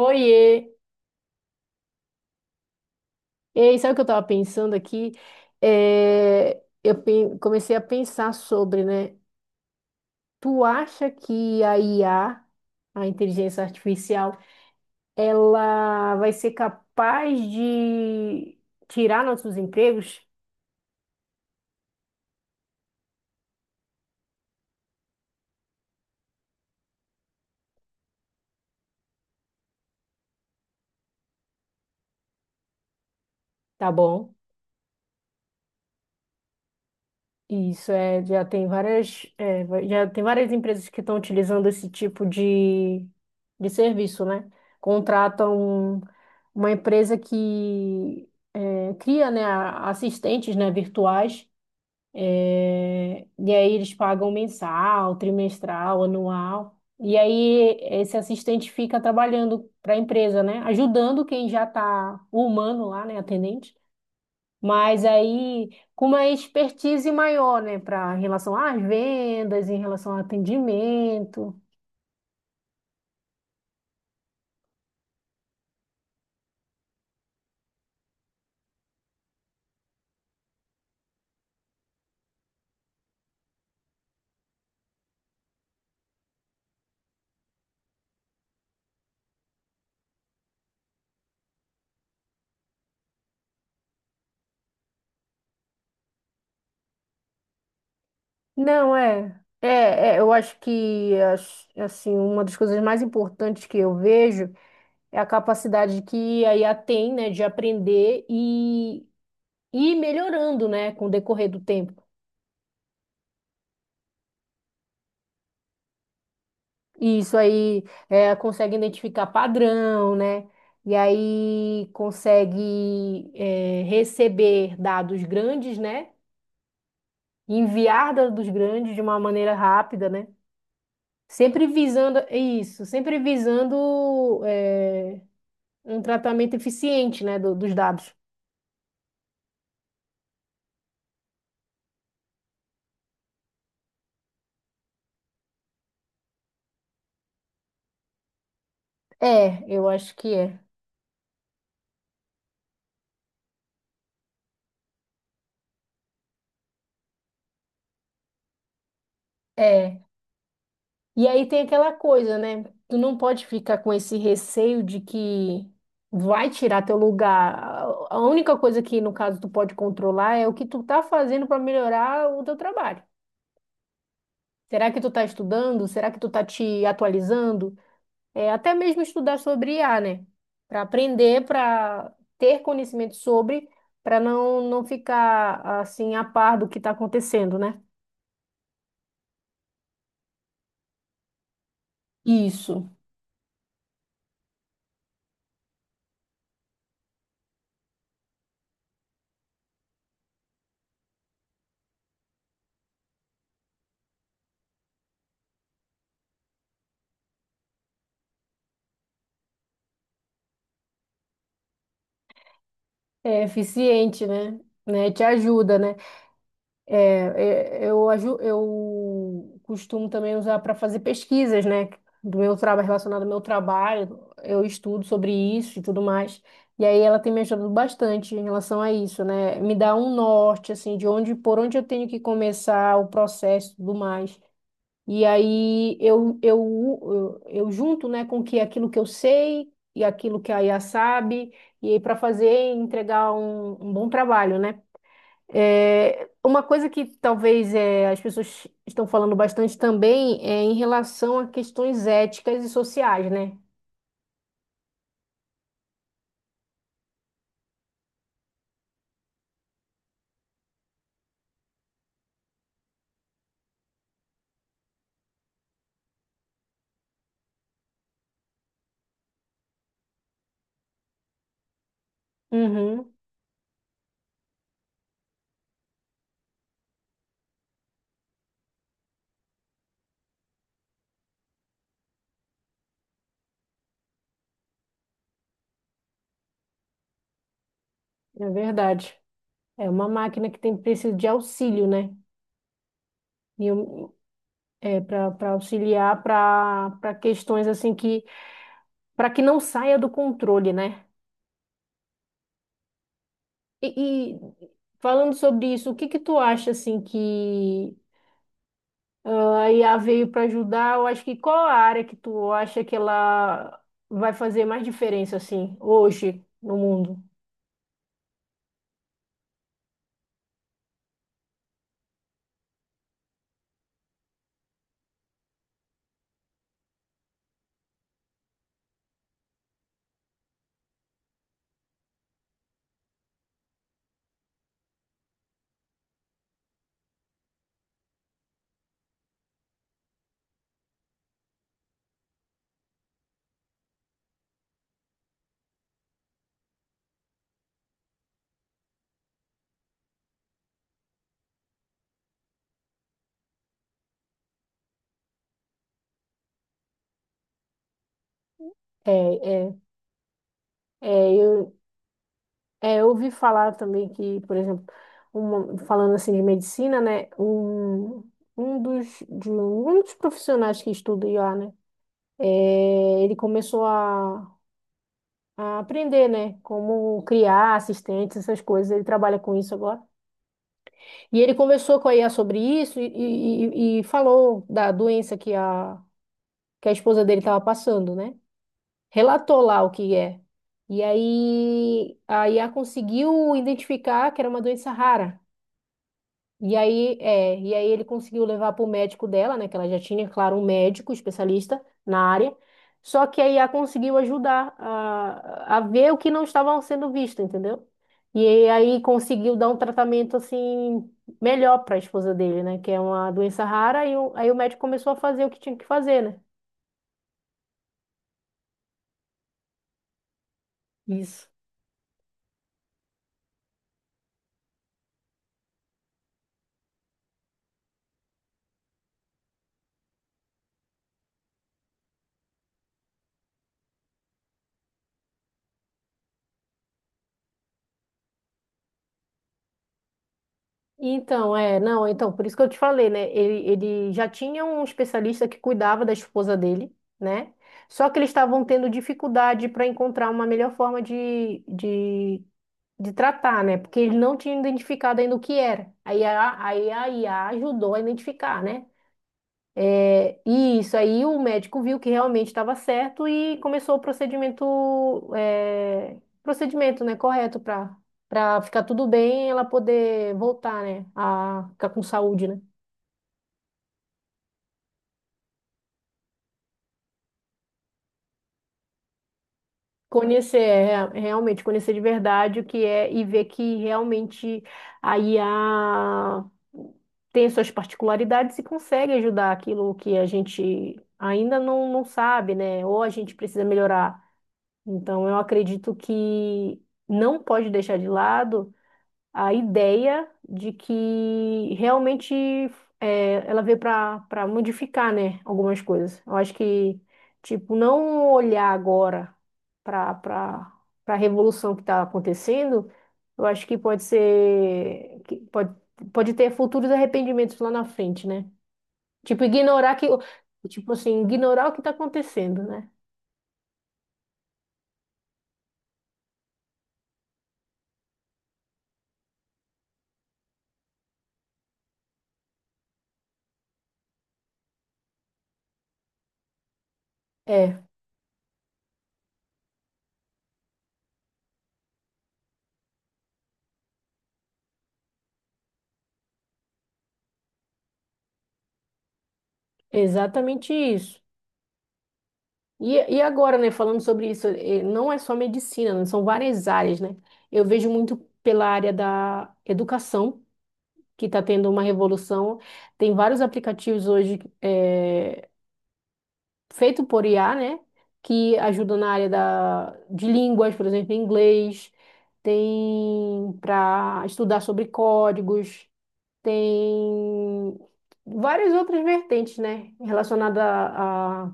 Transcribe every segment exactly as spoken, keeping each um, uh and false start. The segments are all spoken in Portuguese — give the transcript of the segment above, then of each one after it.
Oiê! Ei, sabe o que eu tava pensando aqui? É, eu pe- comecei a pensar sobre, né? Tu acha que a I A, a a inteligência artificial, ela vai ser capaz de tirar nossos empregos? Tá bom. Isso é, já tem várias, é, vai- já tem várias empresas que estão utilizando esse tipo de, de serviço, né? Contratam uma empresa que cria, né, a- assistentes, né, virtuais, é, e aí eles pagam mensal, trimestral, anual, e aí esse assistente fica trabalhando para a empresa, né, ajudando quem já está humano lá, né, atendente, mas aí com uma expertise maior, né, para em relação às vendas, em relação ao atendimento. Não, é. É, é, eu acho que as- assim, uma das coisas mais importantes que eu vejo é a capacidade que a I A tem, né, de aprender e e ir melhorando, né, com o decorrer do tempo. E isso aí é, consegue identificar padrão, né? E aí consegue é, receber dados grandes, né? Enviar dados grandes de uma maneira rápida, né? Sempre visando é isso, sempre visando é, um tratamento eficiente, né, do- dos dados. É, eu acho que é. É. E aí tem aquela coisa, né? Tu não pode ficar com esse receio de que vai tirar teu lugar. A a única coisa que, no caso, tu pode controlar é o que tu tá fazendo para melhorar o teu trabalho. Será que tu tá estudando? Será que tu tá te atualizando? É, até mesmo estudar sobre I a, né? Para aprender, para ter conhecimento sobre, para não, não ficar assim a par do que tá acontecendo, né? Isso. É eficiente, né? Né? Te ajuda, né? É, Eu, aju- eu costumo também usar para fazer pesquisas, né? Do meu trabalho, relacionado ao meu trabalho, eu estudo sobre isso e tudo mais. E aí ela tem me ajudado bastante em relação a isso, né? Me dá um norte, assim, de onde, por onde eu tenho que começar o processo e tudo mais. E aí eu, eu, eu, eu junto, né, com que aquilo que eu sei e aquilo que a I A sabe, e aí para fazer e entregar um um bom trabalho, né? É, uma coisa que talvez é, as pessoas estão falando bastante também é em relação a questões éticas e sociais, né? Uhum, é verdade. É uma máquina que tem precisa de auxílio, né? E eu- é, para para auxiliar para para questões assim que para que não saia do controle, né? E, e falando sobre isso, o que que tu acha assim que a I A veio para ajudar. Eu acho que qual a área que tu acha que ela vai fazer mais diferença assim hoje no mundo? É, é, é, eu, é, eu ouvi falar também que, por exemplo, uma- falando assim de medicina, né? Um, um dos, de um um dos profissionais que estuda I A, né? é, ele começou a, a aprender, né? Como criar assistentes, essas coisas. Ele trabalha com isso agora. E ele conversou com a I A sobre isso e, e- e- falou da doença que a, que a esposa dele estava passando, né? Relatou lá o que é. E aí a I A conseguiu identificar que era uma doença rara. E aí, é, e aí ele conseguiu levar para o médico dela, né? Que ela já tinha, claro, um médico especialista na área. Só que a I A conseguiu ajudar a, a ver o que não estava sendo visto, entendeu? E aí conseguiu dar um tratamento assim melhor para a esposa dele, né? Que é uma doença rara. E o- aí o médico começou a fazer o que tinha que fazer, né? Isso. Então, é, não, então, por isso que eu te falei, né? Ele, ele já tinha um especialista que cuidava da esposa dele, né? Só que eles estavam tendo dificuldade para encontrar uma melhor forma de, de, de tratar, né? Porque eles não tinham identificado ainda o que era. Aí a, aí a I A ajudou a identificar, né? É, e isso aí o médico viu que realmente estava certo e começou o procedimento, é, procedimento, né, correto para para ficar tudo bem, e ela poder voltar, né, a ficar com saúde, né? Conhecer, é, realmente conhecer de verdade o que é e ver que realmente a I A tem suas particularidades e consegue ajudar aquilo que a gente ainda não, não sabe, né? Ou a gente precisa melhorar. Então, eu acredito que não pode deixar de lado a ideia de que realmente eh, ela veio para para modificar, né, algumas coisas. Eu acho que, tipo, não olhar agora para para para a revolução que está acontecendo, eu acho que pode ser que pode, pode ter futuros arrependimentos lá na frente, né? Tipo, ignorar que, tipo assim, ignorar o que está acontecendo, né? É, exatamente isso. E, e agora, né, falando sobre isso, eh, não é só medicina, né, são várias áreas, né? Eu vejo muito pela área da educação, que está tendo uma revolução. Tem vários aplicativos hoje eh, feito por I A, né? Que ajudam na área da, de línguas, por exemplo, inglês. Tem para estudar sobre códigos, tem várias outras vertentes, né? Relacionada a, a-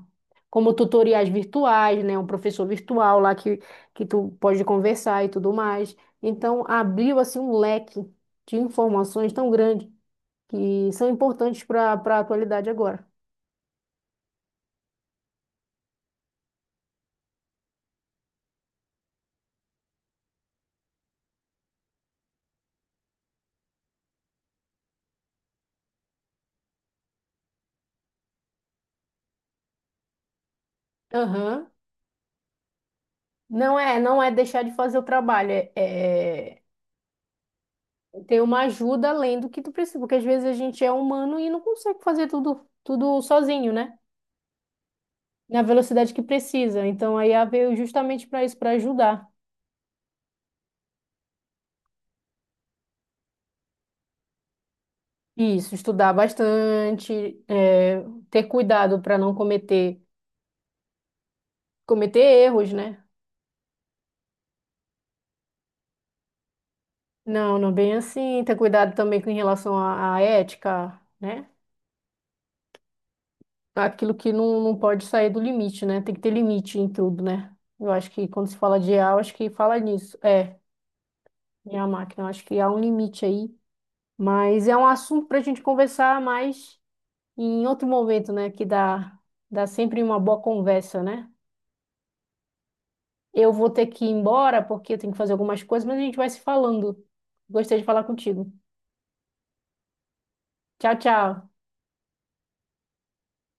como tutoriais virtuais, né? Um professor virtual lá que, que tu pode conversar e tudo mais. Então, abriu assim um leque de informações tão grande que são importantes para para a atualidade agora. Aham. Não é, não é deixar de fazer o trabalho, é, é ter uma ajuda além do que tu precisa, porque às vezes a gente é humano e não consegue fazer tudo, tudo sozinho, né? Na velocidade que precisa. Então a I A veio justamente para isso, para ajudar. Isso, estudar bastante, é, ter cuidado para não cometer cometer erros, né? Não, não bem assim. Ter cuidado também com em relação à, à ética, né? Aquilo que não, não pode sair do limite, né? Tem que ter limite em tudo, né? Eu acho que quando se fala de I A, eu acho que fala nisso. É, minha máquina, eu acho que há um limite aí. Mas é um assunto para a gente conversar mais e em outro momento, né, que dá, dá sempre uma boa conversa, né? Eu vou ter que ir embora porque eu tenho que fazer algumas coisas, mas a gente vai se falando. Gostei de falar contigo. Tchau, tchau.